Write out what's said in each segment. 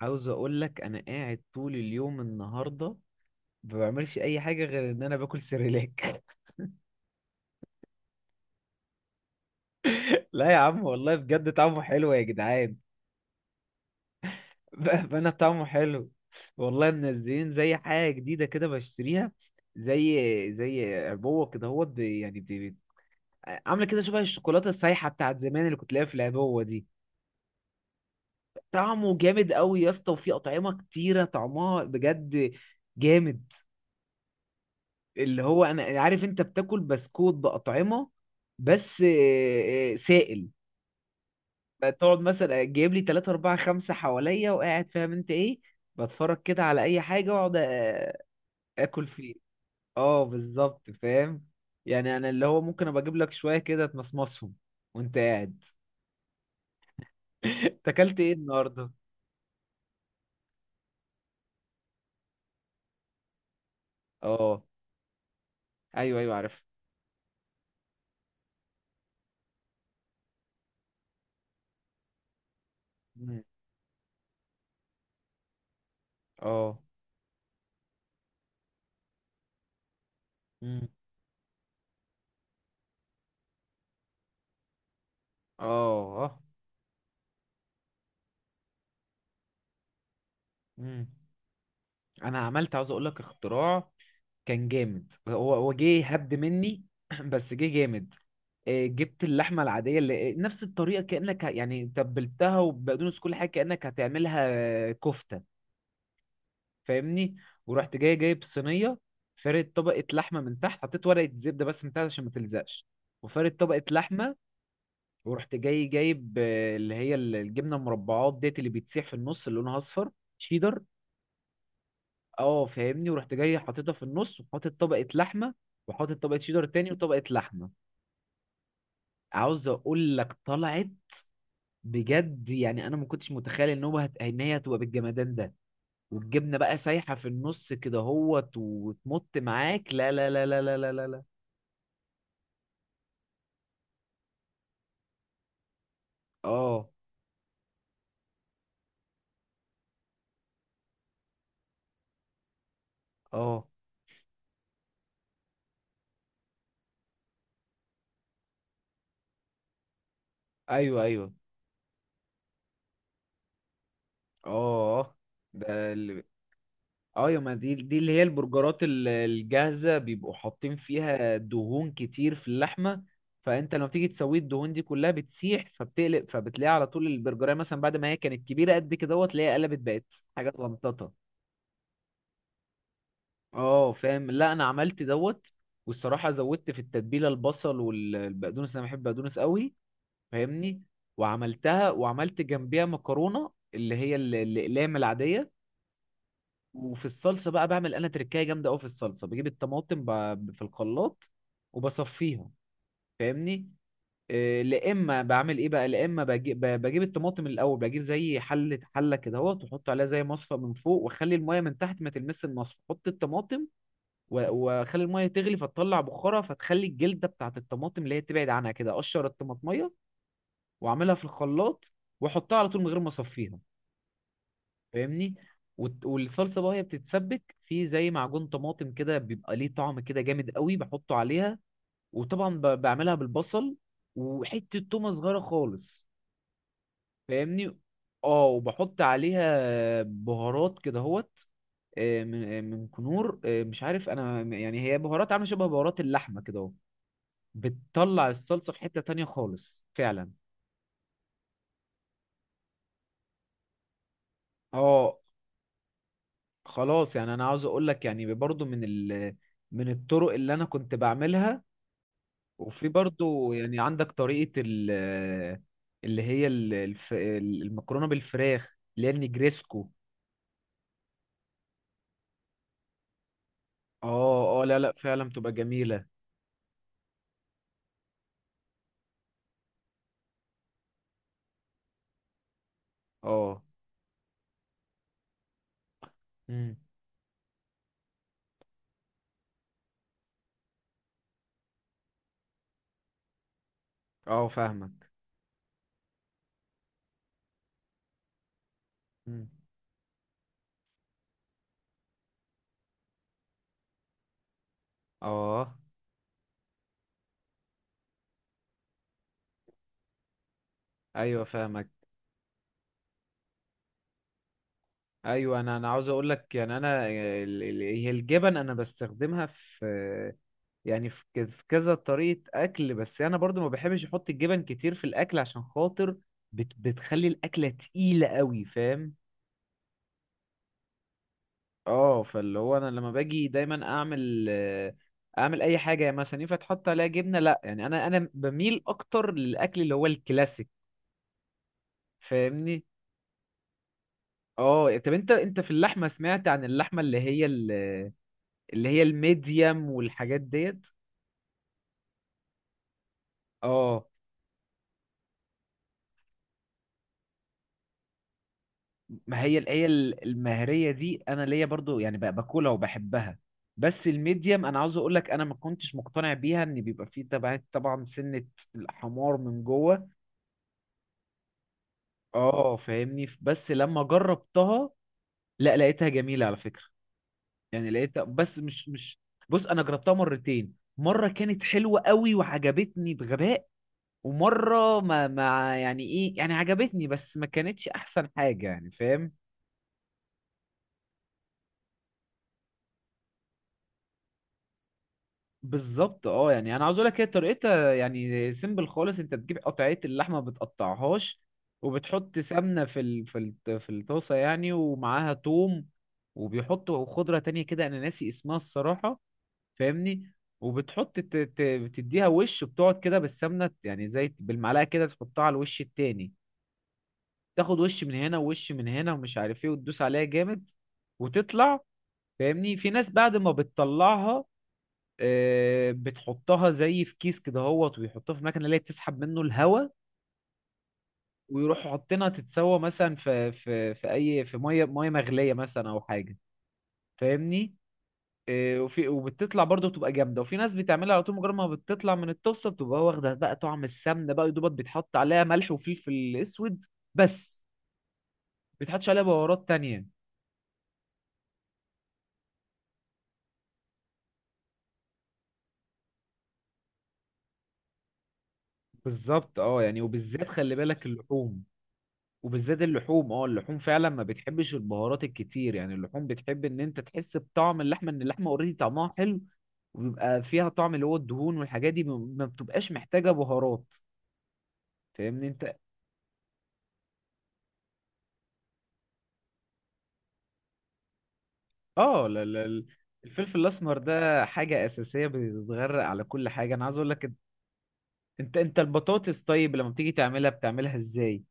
عاوز اقول لك انا قاعد طول اليوم النهارده، ما بعملش اي حاجه غير ان انا باكل سيريلاك. لا يا عم، والله بجد طعمه حلو يا جدعان. بقى طعمه حلو. والله منزلين زي حاجه جديده كده بشتريها، زي زي عبوه كده، هو عامله كده شبه الشوكولاته السايحه بتاعت زمان اللي كنت لاقيها في العبوه دي. طعمه جامد قوي يا اسطى، وفي اطعمه كتيره طعمها بجد جامد. اللي هو انا عارف انت بتاكل بسكوت باطعمه، بس سائل. تقعد مثلا جايب لي 3 4 5 حواليا وقاعد، فاهم انت ايه، بتفرج كده على اي حاجه واقعد اكل فيه. اه بالظبط، فاهم. يعني انا اللي هو ممكن ابقى اجيب لك شويه كده تمصمصهم وانت قاعد. انت اكلت ايه النهارده؟ اه، ايوه ايوه عارف. مم. اه. مم. اه اه. مم. انا عملت، عاوز اقول لك، اختراع كان جامد. هو جه هبد مني، بس جه جامد. جبت اللحمه العاديه اللي نفس الطريقه كانك يعني تبلتها وبقدونس كل حاجه كانك هتعملها. كفته. فاهمني؟ ورحت جاي جايب صينيه، فارد طبقه لحمه من تحت، حطيت ورقه زبده بس من تحت عشان ما تلزقش، وفارد طبقه لحمه. ورحت جاي جايب اللي هي الجبنه المربعات ديت اللي بتسيح في النص اللي لونها اصفر، شيدر. اه فاهمني. ورحت جاي حاططها في النص، وحاطط طبقه لحمه، وحاطط طبقه شيدر تاني، وطبقه لحمه. عاوز اقول لك طلعت، بجد يعني انا ما كنتش متخيل ان ان هي هتبقى بالجمدان ده. والجبنه بقى سايحه في النص كده هوت وتمط معاك، لا لا لا لا لا لا لا لا. اه. اه، ايوه ايوه. اه، ده اه. يا ما دي اللي هي البرجرات الجاهزة بيبقوا حاطين فيها دهون كتير في اللحمة. فانت لما تيجي تسوي الدهون دي كلها بتسيح، فبتقلب فبتلاقي على طول البرجرية مثلا بعد ما هي كانت كبيرة قد كده دوت، تلاقيها قلبت بقت حاجة زنططة. اه فاهم. لا انا عملت دوت، والصراحة زودت في التتبيلة البصل والبقدونس، انا بحب بقدونس قوي، فاهمني؟ وعملتها وعملت جنبيها مكرونة اللي هي الاقلام العادية. وفي الصلصه بقى بعمل انا تركايه جامده قوي في الصلصه، بجيب الطماطم في الخلاط وبصفيها. فاهمني؟ لا اما بعمل ايه بقى، لا اما بجيب، بجيب الطماطم الاول، بجيب زي حله كده اهو، تحط عليها زي مصفى من فوق، واخلي الميه من تحت ما تلمس المصفى، حط الطماطم. واخلي الميه تغلي فتطلع بخارها، فتخلي الجلده بتاعت الطماطم اللي هي تبعد عنها كده، اقشر الطماطميه واعملها في الخلاط، واحطها على طول من غير ما اصفيها. فاهمني؟ والصلصه بقى هي بتتسبك في زي معجون طماطم كده، بيبقى ليه طعم كده جامد قوي بحطه عليها. وطبعا بعملها بالبصل، وحته تومه صغيره خالص. فاهمني؟ اه، وبحط عليها بهارات كده هوت، من من كنور، مش عارف انا، يعني هي بهارات عامله شبه بهارات اللحمه كده اهو. بتطلع الصلصه في حته تانية خالص فعلا. اه خلاص، يعني انا عاوز اقول لك، يعني برضو من من الطرق اللي انا كنت بعملها. وفي برضو يعني عندك طريقة اللي هي الف المكرونة بالفراخ اللي هي النجريسكو. اه اه، لا لا، فعلا بتبقى جميلة. اه. امم. اه فاهمك. امم. اه، ايوه فاهمك. ايوه، انا عاوز اقول لك، يعني انا هي الجبن انا بستخدمها في، يعني في في كذا طريقة اكل. بس انا برضو ما بحبش احط الجبن كتير في الاكل عشان خاطر، بتخلي الاكلة تقيلة قوي، فاهم؟ اه، فاللي هو انا لما باجي دايما اعمل اعمل اي حاجه يعني مثلا، ينفع تحط عليها جبنه؟ لا، يعني انا بميل اكتر للاكل اللي هو الكلاسيك، فاهمني؟ اه طب انت في اللحمه، سمعت عن اللحمه اللي هي اللي هي الميديم والحاجات ديت؟ اه. ما هي هي المهريه دي انا ليا برضو، يعني باكلها وبحبها. بس الميديم، انا عاوز اقول لك انا ما كنتش مقتنع بيها ان بيبقى فيه طبعا طبعا سنه الحمار من جوه. اه فاهمني. بس لما جربتها، لا لقيتها جميلة على فكرة. يعني لقيتها، بس مش، بص انا جربتها مرتين، مرة كانت حلوة قوي وعجبتني بغباء، ومرة ما يعني ايه يعني، عجبتني بس ما كانتش احسن حاجة يعني، فاهم؟ بالظبط. اه، يعني انا عاوز اقول لك، هي طريقتها يعني سيمبل خالص. انت بتجيب قطعية اللحمة، ما بتقطعهاش، وبتحط سمنة في الطاسة، يعني ومعاها توم، وبيحطوا خضرة تانية كده انا ناسي اسمها الصراحة، فاهمني؟ وبتحط بتديها وش، بتقعد كده بالسمنه يعني زي بالمعلقه كده، تحطها على الوش التاني، تاخد وش من هنا ووش من هنا ومش عارف ايه، وتدوس عليها جامد وتطلع. فاهمني؟ في ناس بعد ما بتطلعها بتحطها زي في كيس كده هوت، ويحطها في مكنه اللي هي بتسحب منه الهواء، ويروحوا حاطينها تتسوى مثلا في ميه مغليه مثلا او حاجه. فاهمني؟ وفي وبتطلع برضه بتبقى جامده. وفي ناس بتعملها على طول، مجرد ما بتطلع من الطاسه بتبقى واخده بقى طعم السمنه، بقى يا دوبك بيتحط عليها ملح وفلفل اسود بس، ما بيتحطش عليها بهارات تانية. بالظبط. اه يعني، وبالذات خلي بالك اللحوم، وبالذات اللحوم، اه اللحوم فعلا ما بتحبش البهارات الكتير. يعني اللحوم بتحب ان انت تحس بطعم اللحمه، ان اللحمه اوريدي طعمها حلو، وبيبقى فيها طعم اللي هو الدهون والحاجات دي، ما بتبقاش محتاجه بهارات. فاهمني انت؟ اه لا. الفلفل الاسمر ده حاجه اساسيه بتتغرق على كل حاجه. انا عايز اقول لك، انت البطاطس طيب، لما بتيجي تعملها بتعملها ازاي؟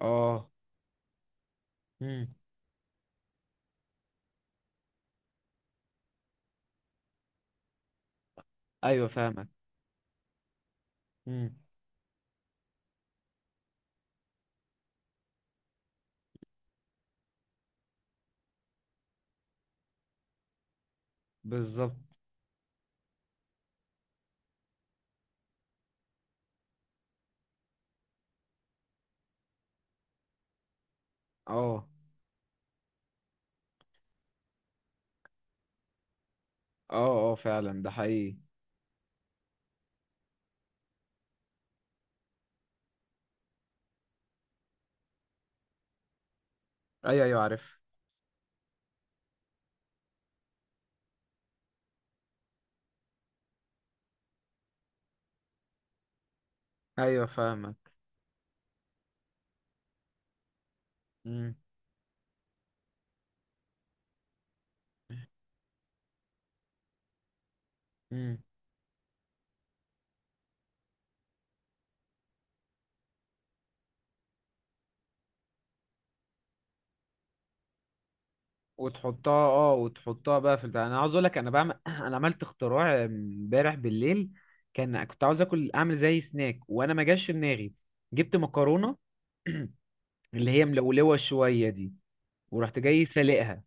اه. امم. ايوه فاهمك. امم. بالظبط. اه. اه. اه فعلا ده حقيقي. ايوه ايوه عارف. ايوه فاهمك. امم. امم. وتحطها، اه وتحطها بقى في البتاع. انا عاوز اقول لك انا بعمل، انا عملت اختراع امبارح بالليل. كان كنت عاوز اكل، اعمل زي سناك، وانا ما جاش في دماغي. جبت مكرونه، اللي هي ملولوة شوية دي، ورحت جاي سلقها،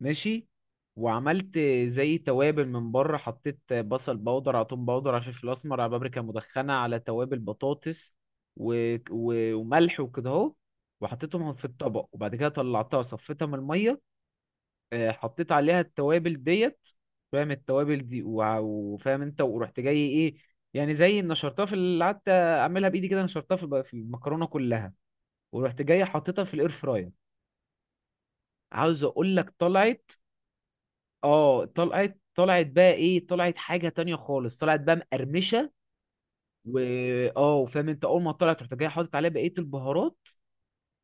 ماشي، وعملت زي توابل من بره، حطيت بصل بودر على توم بودر على فلفل اسمر على بابريكا مدخنة على توابل بطاطس وملح وكده اهو، وحطيتهم في الطبق. وبعد كده طلعتها صفيتها من المية، حطيت عليها التوابل ديت. فاهم التوابل دي؟ وفاهم انت، ورحت جاي ايه، يعني زي نشرتها في اللي قعدت اعملها بايدي كده، نشرتها في في المكرونة كلها، ورحت جاي حطيتها في الاير فراير. عاوز اقول لك طلعت، اه طلعت، طلعت بقى ايه، طلعت حاجه تانية خالص، طلعت بقى مقرمشه. و اه، فاهم انت، اول ما طلعت رحت جاي حاطط عليها بقيه البهارات،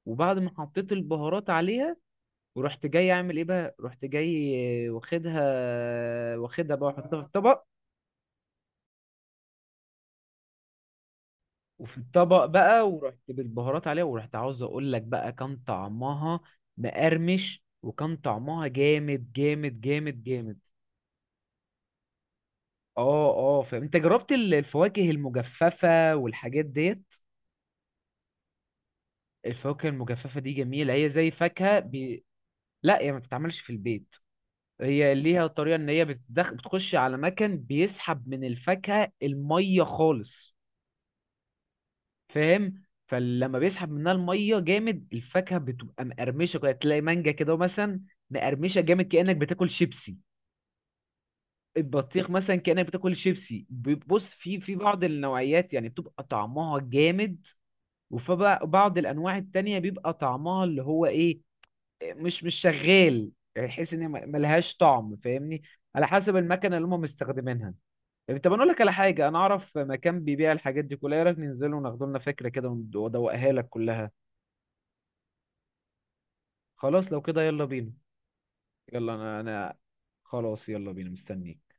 وبعد ما حطيت البهارات عليها ورحت جاي اعمل ايه بقى، رحت جاي واخدها، واخدها بقى وحطها في الطبق، وفي الطبق بقى ورحت بالبهارات عليها، ورحت عاوز اقول لك بقى كان طعمها مقرمش، وكان طعمها جامد جامد جامد جامد. اه اه، فاهم انت، جربت الفواكه المجففة والحاجات ديت؟ الفواكه المجففة دي جميلة، هي زي فاكهة لا هي ما بتتعملش في البيت. هي ليها طريقة ان هي بتخش على مكان بيسحب من الفاكهة المية خالص. فاهم؟ فلما بيسحب منها المية جامد، الفاكهة بتبقى مقرمشة كده، تلاقي مانجا كده مثلا مقرمشة جامد كأنك بتاكل شيبسي، البطيخ مثلا كأنك بتاكل شيبسي. بص، في بعض النوعيات يعني بتبقى طعمها جامد، وبعض الانواع التانية بيبقى طعمها اللي هو ايه، مش شغال، يعني تحس ان هي ملهاش طعم، فاهمني؟ على حسب المكنه اللي هم مستخدمينها. يعني طب انا اقول لك على حاجه، انا اعرف مكان بيبيع الحاجات دي كلها، ايه رايك ننزل وناخد لنا فكره كده وادوقها لك كلها؟ خلاص لو كده يلا بينا. يلا، انا خلاص يلا بينا، مستنيك.